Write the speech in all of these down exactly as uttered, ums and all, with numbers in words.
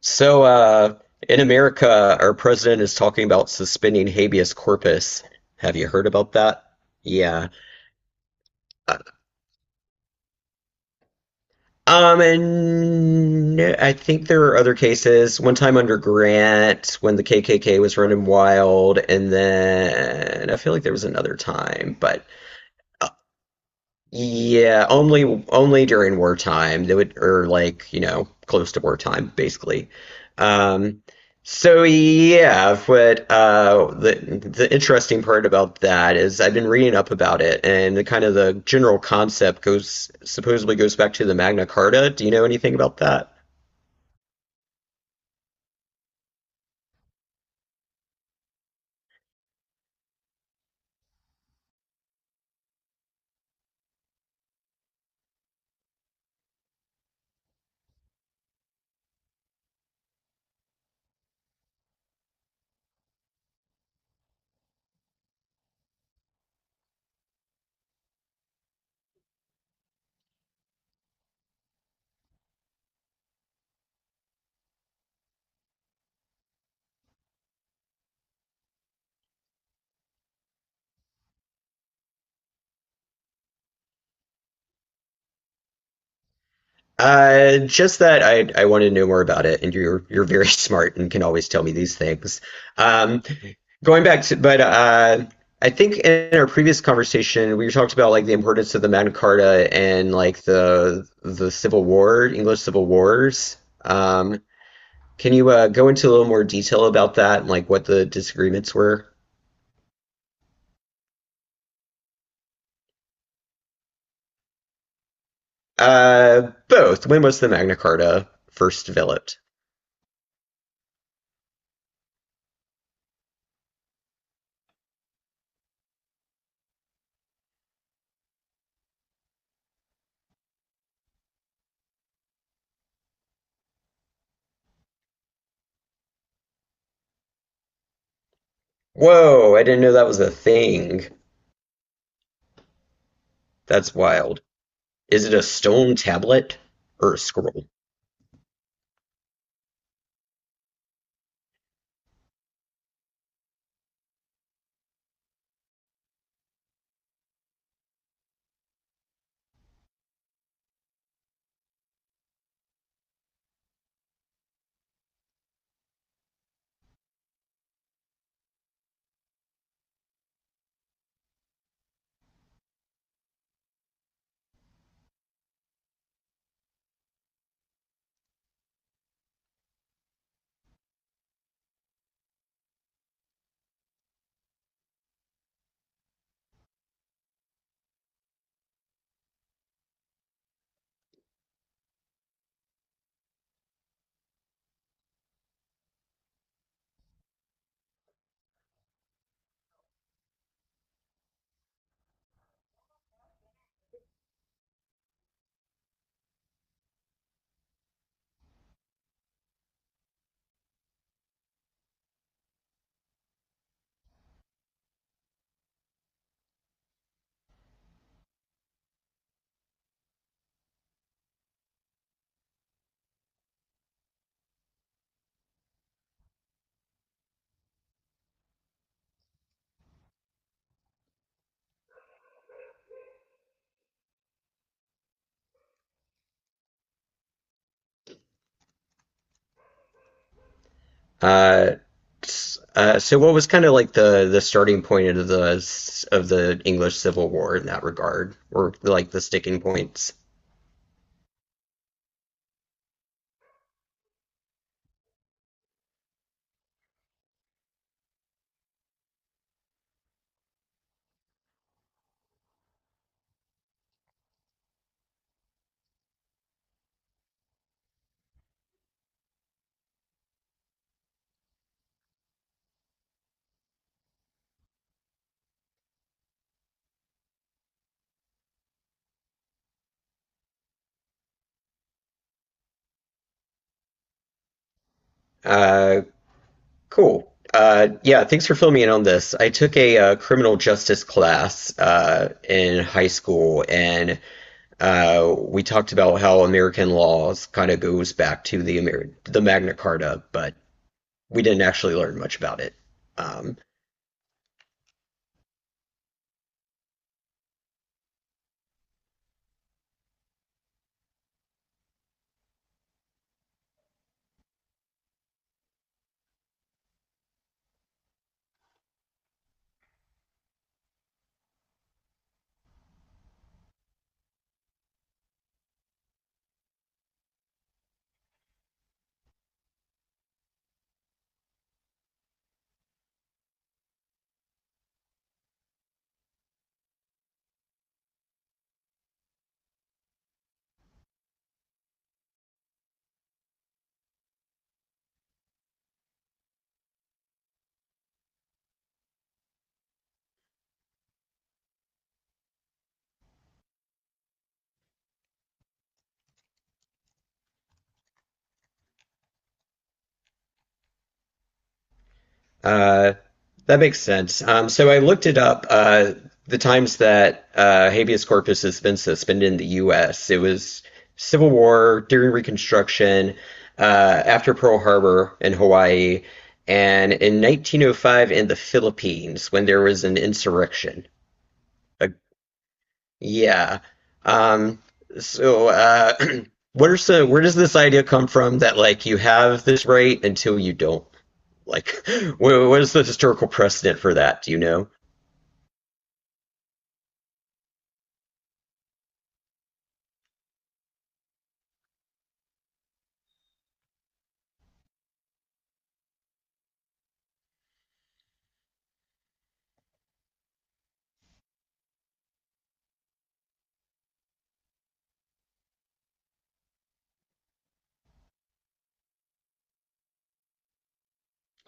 So, uh, in America, our president is talking about suspending habeas corpus. Have you heard about that? Yeah. Uh, Um, and no, I think there are other cases. One time under Grant, when the K K K was running wild, and then I feel like there was another time. But yeah, only only during wartime. They would, or like, you know, close to wartime, basically. Um so yeah, but uh the the interesting part about that is I've been reading up about it, and the kind of the general concept goes, supposedly goes back to the Magna Carta. Do you know anything about that? Uh just that I I wanted to know more about it, and you're you're very smart and can always tell me these things. Um Going back to, but uh, I think in our previous conversation, we talked about like the importance of the Magna Carta and like the the Civil War, English Civil Wars. Um, can you uh, go into a little more detail about that and like what the disagreements were? Uh, both. When was the Magna Carta first developed? Whoa, I didn't know that was a thing. That's wild. Is it a stone tablet or a scroll? Uh, uh, so what was kind of like the the starting point of the of the English Civil War in that regard, or like the sticking points? Uh, cool. Uh, yeah, thanks for filling me in on this. I took a uh, criminal justice class uh, in high school, and uh, we talked about how American laws kind of goes back to the Amer the Magna Carta, but we didn't actually learn much about it. Um, Uh, that makes sense. Um, so I looked it up. Uh, the times that uh, habeas corpus has been suspended in the U S: it was Civil War, during Reconstruction, uh, after Pearl Harbor in Hawaii, and in nineteen oh five in the Philippines when there was an insurrection. Uh, yeah. Um, so, uh, what are some, where does this idea come from that like you have this right until you don't? Like, what is the historical precedent for that? Do you know?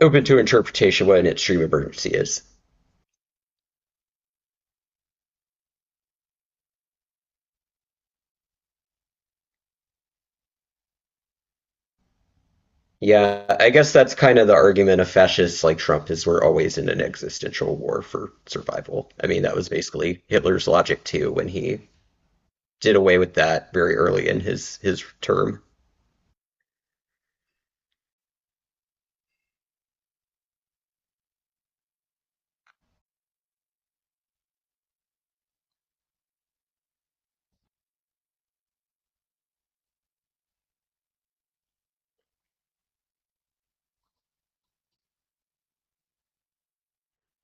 Open to interpretation what an extreme emergency is. Yeah, I guess that's kind of the argument of fascists like Trump, is we're always in an existential war for survival. I mean, that was basically Hitler's logic too when he did away with that very early in his his term.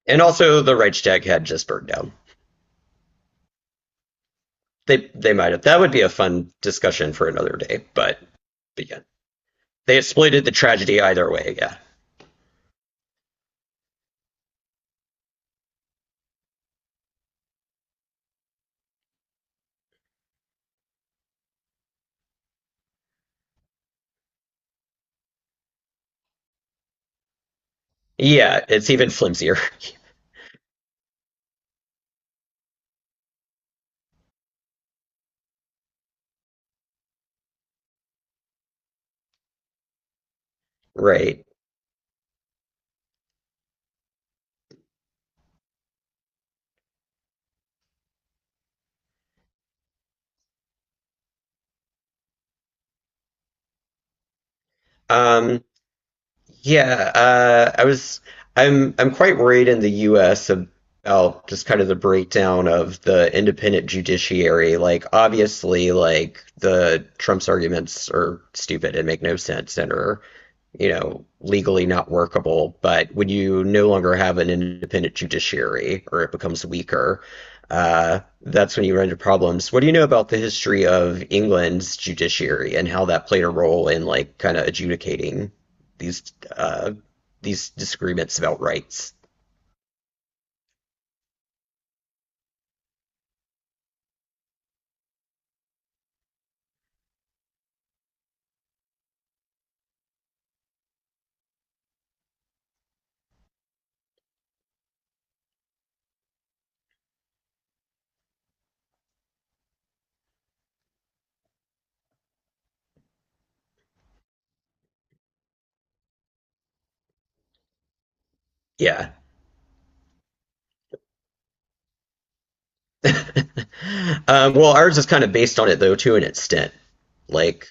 And also the Reichstag had just burned down. They they might have. That would be a fun discussion for another day, but but yeah. They exploited the tragedy either way, yeah. Yeah, it's even flimsier. Right. Um, yeah, uh, I was I'm I'm quite worried in the U S about just kind of the breakdown of the independent judiciary. Like obviously like the Trump's arguments are stupid and make no sense and are, you know, legally not workable. But when you no longer have an independent judiciary, or it becomes weaker, uh, that's when you run into problems. What do you know about the history of England's judiciary and how that played a role in like kind of adjudicating these uh, these disagreements about rights? Yeah. Um, well, ours is kind of based on it though, to an extent. Like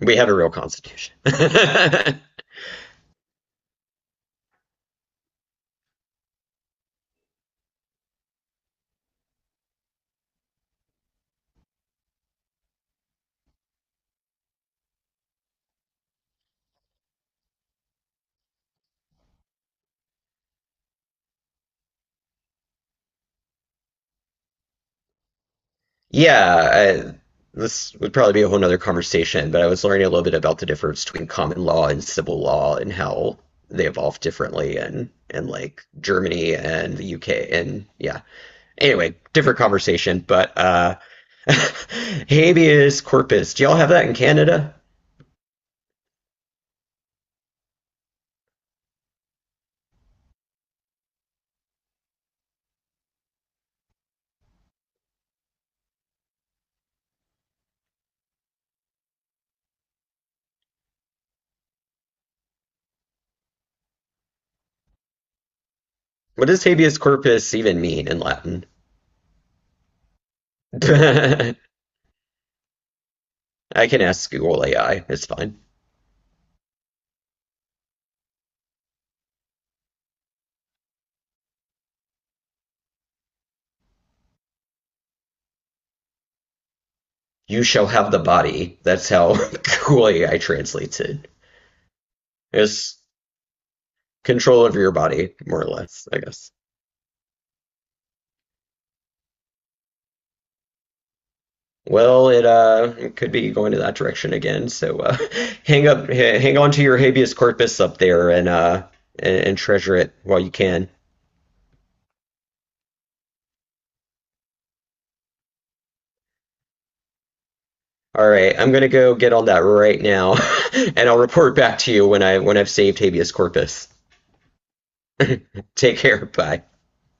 we have a real constitution. Yeah, I, this would probably be a whole nother conversation, but I was learning a little bit about the difference between common law and civil law and how they evolve differently, and and like Germany and the U K, and yeah. Anyway, different conversation, but uh habeas corpus. Do y'all have that in Canada? What does habeas corpus even mean in Latin? I can ask Google A I. It's fine. You shall have the body. That's how Google A I translates it. It's control over your body, more or less, I guess. Well, it uh it could be going to that direction again. So uh, hang up, ha- hang on to your habeas corpus up there, and uh and, and treasure it while you can. All right, I'm gonna go get on that right now, and I'll report back to you when I when I've saved habeas corpus. Take care. Bye.